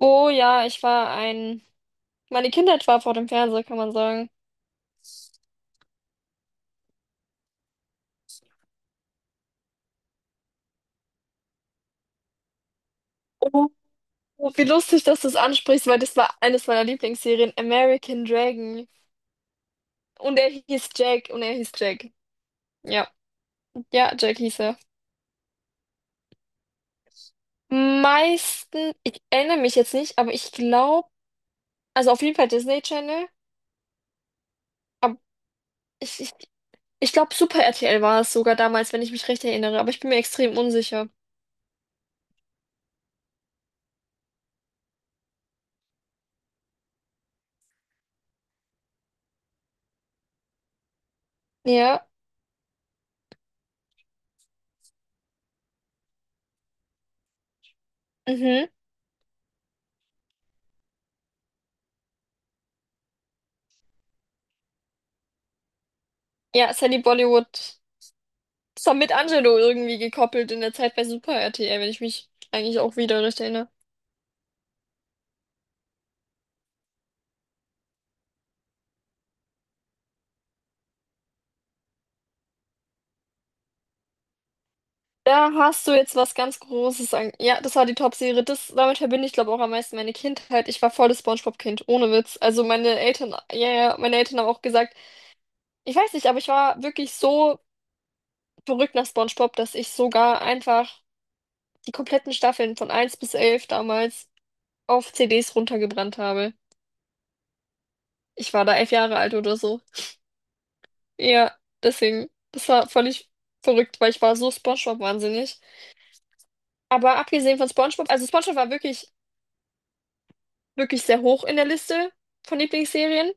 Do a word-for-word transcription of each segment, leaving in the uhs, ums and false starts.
Oh ja, ich war ein. Meine Kindheit war vor dem Fernseher, kann man sagen. Oh, wie lustig, dass du es ansprichst, weil das war eines meiner Lieblingsserien, American Dragon. Und er hieß Jack und er hieß Jack. Ja. Ja, Jack hieß er. Meisten, ich erinnere mich jetzt nicht, aber ich glaube, also auf jeden Fall Disney Channel, aber ich, ich, ich glaube Super R T L war es sogar damals, wenn ich mich recht erinnere, aber ich bin mir extrem unsicher. Ja, mhm. Ja, Sally Bollywood. Das war mit Angelo irgendwie gekoppelt in der Zeit bei Super R T L, wenn ich mich eigentlich auch wieder recht erinnere. Da hast du jetzt was ganz Großes an. Ja, das war die Top-Serie. Das, damit verbinde ich, glaube ich, auch am meisten meine Kindheit. Ich war volles SpongeBob-Kind, ohne Witz. Also meine Eltern, ja, ja, meine Eltern haben auch gesagt, ich weiß nicht, aber ich war wirklich so verrückt nach SpongeBob, dass ich sogar einfach die kompletten Staffeln von eins bis elf damals auf C Ds runtergebrannt habe. Ich war da elf Jahre alt oder so. Ja, deswegen, das war völlig verrückt, weil ich war so SpongeBob wahnsinnig. Aber abgesehen von SpongeBob, also SpongeBob war wirklich, wirklich sehr hoch in der Liste von Lieblingsserien.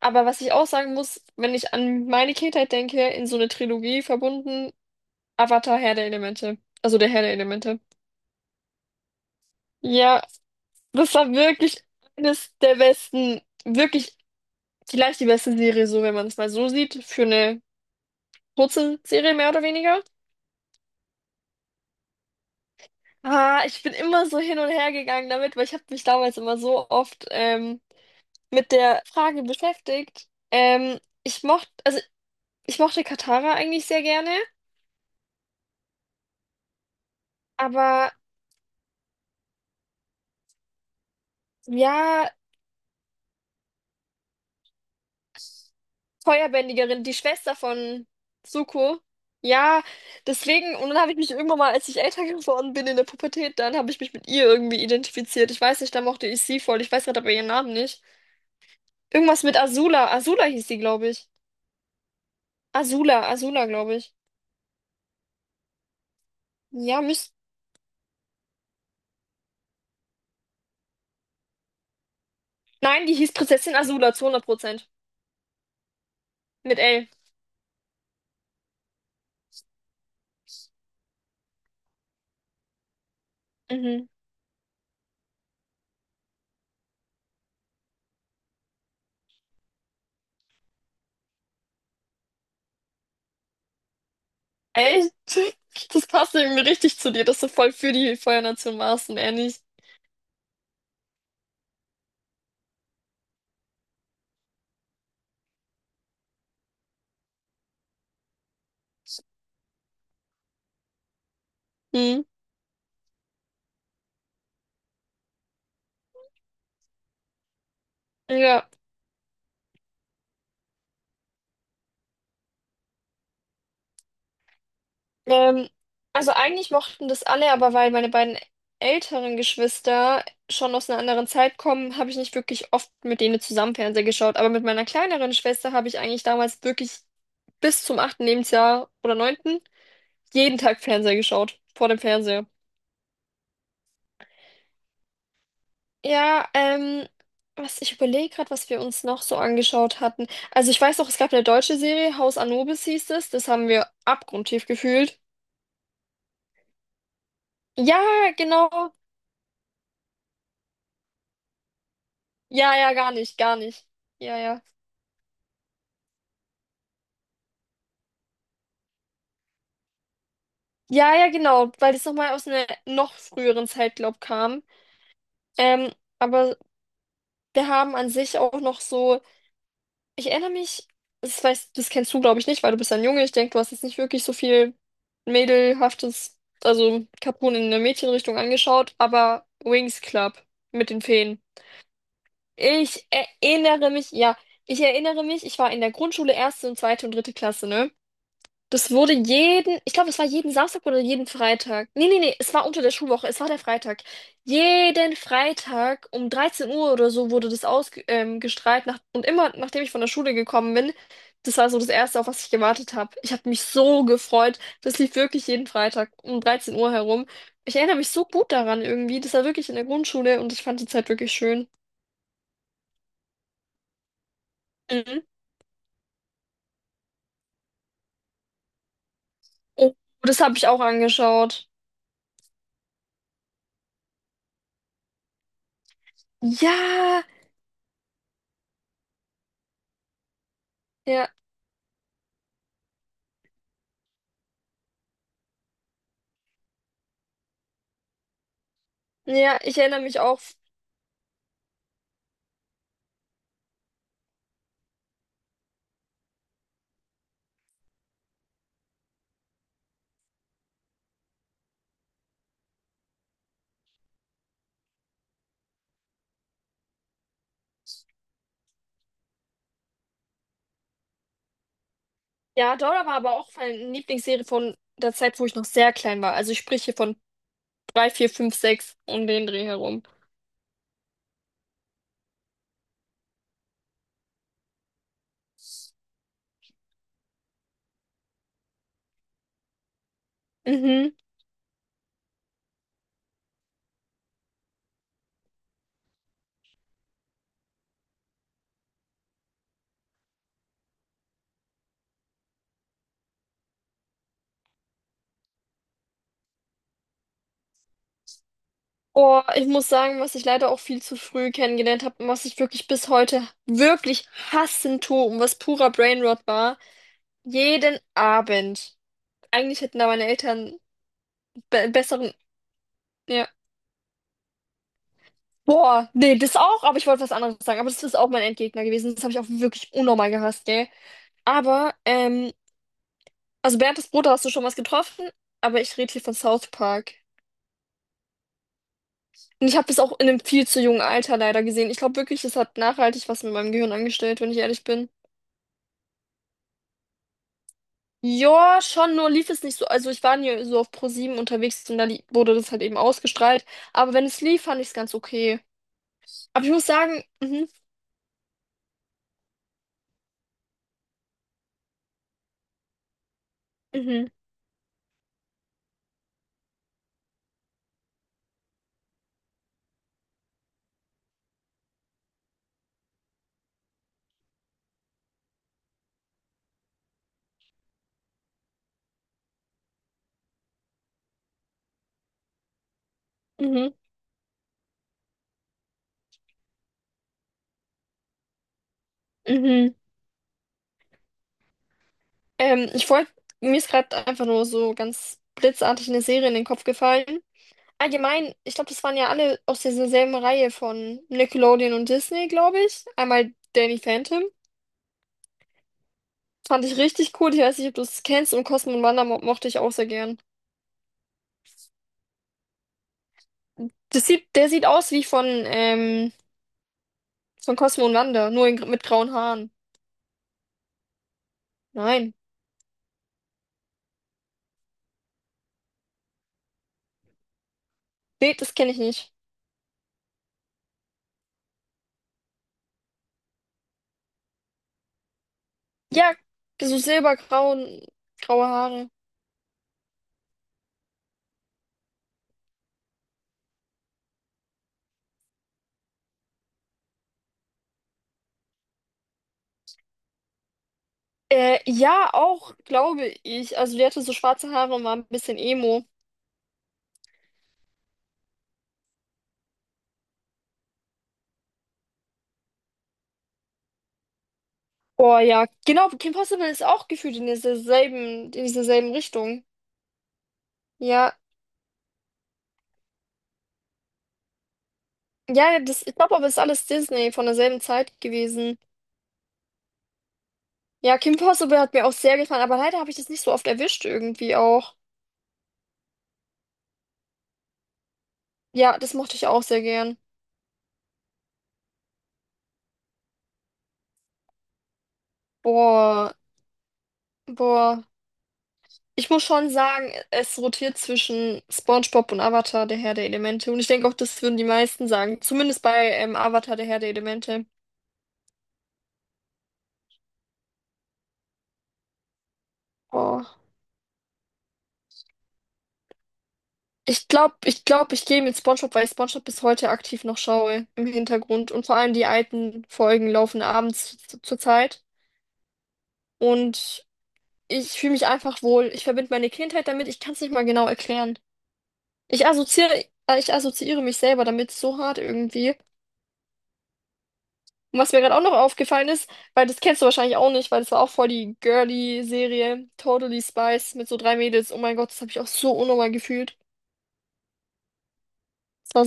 Aber was ich auch sagen muss, wenn ich an meine Kindheit denke, in so eine Trilogie verbunden, Avatar, Herr der Elemente. Also der Herr der Elemente. Ja, das war wirklich eines der besten, wirklich vielleicht die beste Serie, so wenn man es mal so sieht, für eine kurze Serie mehr oder weniger. Ah, ich bin immer so hin und her gegangen damit, weil ich habe mich damals immer so oft ähm, mit der Frage beschäftigt. Ähm, ich mochte, also ich mochte Katara eigentlich sehr gerne, aber ja, Feuerbändigerin, die Schwester von Zuko. Ja, deswegen, und dann habe ich mich irgendwann mal, als ich älter geworden bin in der Pubertät, dann habe ich mich mit ihr irgendwie identifiziert. Ich weiß nicht, da mochte ich sie voll. Ich weiß gerade aber ihren Namen nicht. Irgendwas mit Azula. Azula hieß sie, glaube ich. Azula, Azula, glaube ich. Ja, müsste. Nein, die hieß Prinzessin Azula zu hundert Prozent. Mit L. Mhm. Echt? Das passt irgendwie richtig zu dir, dass du voll für die Feuernation warst und er nicht. Hm. Ja. Ähm, also eigentlich mochten das alle, aber weil meine beiden älteren Geschwister schon aus einer anderen Zeit kommen, habe ich nicht wirklich oft mit denen zusammen Fernseher geschaut. Aber mit meiner kleineren Schwester habe ich eigentlich damals wirklich bis zum achten Lebensjahr oder neunten jeden Tag Fernseher geschaut. Vor dem Fernseher. Ja, ähm, was ich überlege gerade, was wir uns noch so angeschaut hatten. Also ich weiß noch, es gab eine deutsche Serie, Haus Anubis hieß es. Das haben wir abgrundtief gefühlt. Ja, genau. Ja, ja, gar nicht, gar nicht. Ja, ja. Ja, ja, genau, weil das nochmal aus einer noch früheren Zeit, glaub, kam. Ähm, aber wir haben an sich auch noch so. Ich erinnere mich, das weißt, das kennst du, glaube ich, nicht, weil du bist ein Junge. Ich denke, du hast jetzt nicht wirklich so viel mädelhaftes, also Capone in der Mädchenrichtung angeschaut, aber Wings Club mit den Feen. Ich erinnere mich, ja, ich erinnere mich, ich war in der Grundschule erste und zweite und dritte Klasse, ne? Das wurde jeden, ich glaube, es war jeden Samstag oder jeden Freitag. Nee, nee, nee, es war unter der Schulwoche, es war der Freitag. Jeden Freitag um dreizehn Uhr oder so wurde das ausgestrahlt. Ähm, gestrahlt nach, und immer, nachdem ich von der Schule gekommen bin, das war so das Erste, auf was ich gewartet habe. Ich habe mich so gefreut. Das lief wirklich jeden Freitag um dreizehn Uhr herum. Ich erinnere mich so gut daran irgendwie. Das war wirklich in der Grundschule und ich fand die Zeit wirklich schön. Mhm. Oh, das habe ich auch angeschaut. Ja, ja, ja, ich erinnere mich auch. Ja, Dora war aber auch meine Lieblingsserie von der Zeit, wo ich noch sehr klein war. Also ich spreche hier von drei, vier, fünf, sechs um den Dreh herum. Mhm. Oh, ich muss sagen, was ich leider auch viel zu früh kennengelernt habe und was ich wirklich bis heute wirklich hassen tue und was purer Brainrot war. Jeden Abend. Eigentlich hätten da meine Eltern be besseren. Ja. Boah, nee, das auch, aber ich wollte was anderes sagen. Aber das ist auch mein Endgegner gewesen. Das habe ich auch wirklich unnormal gehasst, gell? Aber ähm, also Bernd, Bruder hast du schon was getroffen, aber ich rede hier von South Park. Und ich habe es auch in einem viel zu jungen Alter leider gesehen. Ich glaube wirklich, es hat nachhaltig was mit meinem Gehirn angestellt, wenn ich ehrlich bin. Ja, schon, nur lief es nicht so. Also ich war nie so auf ProSieben unterwegs und da li- wurde das halt eben ausgestrahlt. Aber wenn es lief, fand ich es ganz okay. Aber ich muss sagen, mhm, mhm, mhm, mhm. Ähm, ich wollte, mir ist gerade einfach nur so ganz blitzartig eine Serie in den Kopf gefallen. Allgemein, ich glaube, das waren ja alle aus dieser selben Reihe von Nickelodeon und Disney, glaube ich. Einmal Danny Phantom. Fand ich richtig cool. Ich weiß nicht, ob du es kennst. Und Cosmo und Wanda mo mochte ich auch sehr gern. Das sieht, der sieht aus wie von, ähm, von Cosmo und Wanda, nur in, mit grauen Haaren. Nein. Nee, das kenne ich nicht. Ja, so silbergrauen, graue Haare. Äh, ja, auch, glaube ich. Also, die hatte so schwarze Haare und war ein bisschen Emo. Oh ja, genau, Kim Possible ist auch gefühlt in dieser selben, in dieser selben Richtung. Ja, ja, das, ich glaube aber, es ist alles Disney von derselben Zeit gewesen. Ja, Kim Possible hat mir auch sehr gefallen, aber leider habe ich das nicht so oft erwischt irgendwie auch. Ja, das mochte ich auch sehr gern. Boah, boah. Ich muss schon sagen, es rotiert zwischen SpongeBob und Avatar, der Herr der Elemente. Und ich denke auch, das würden die meisten sagen. Zumindest bei ähm, Avatar, der Herr der Elemente. Boah. Ich glaube, ich glaube, ich gehe mit SpongeBob, weil ich SpongeBob bis heute aktiv noch schaue im Hintergrund. Und vor allem die alten Folgen laufen abends zu- zur Zeit. Und ich fühle mich einfach wohl. Ich verbinde meine Kindheit damit. Ich kann es nicht mal genau erklären. Ich assoziiere, äh, ich assoziiere mich selber damit so hart irgendwie. Und was mir gerade auch noch aufgefallen ist, weil das kennst du wahrscheinlich auch nicht, weil das war auch voll die girly Serie, Totally spice mit so drei Mädels. Oh mein Gott, das habe ich auch so unnormal gefühlt.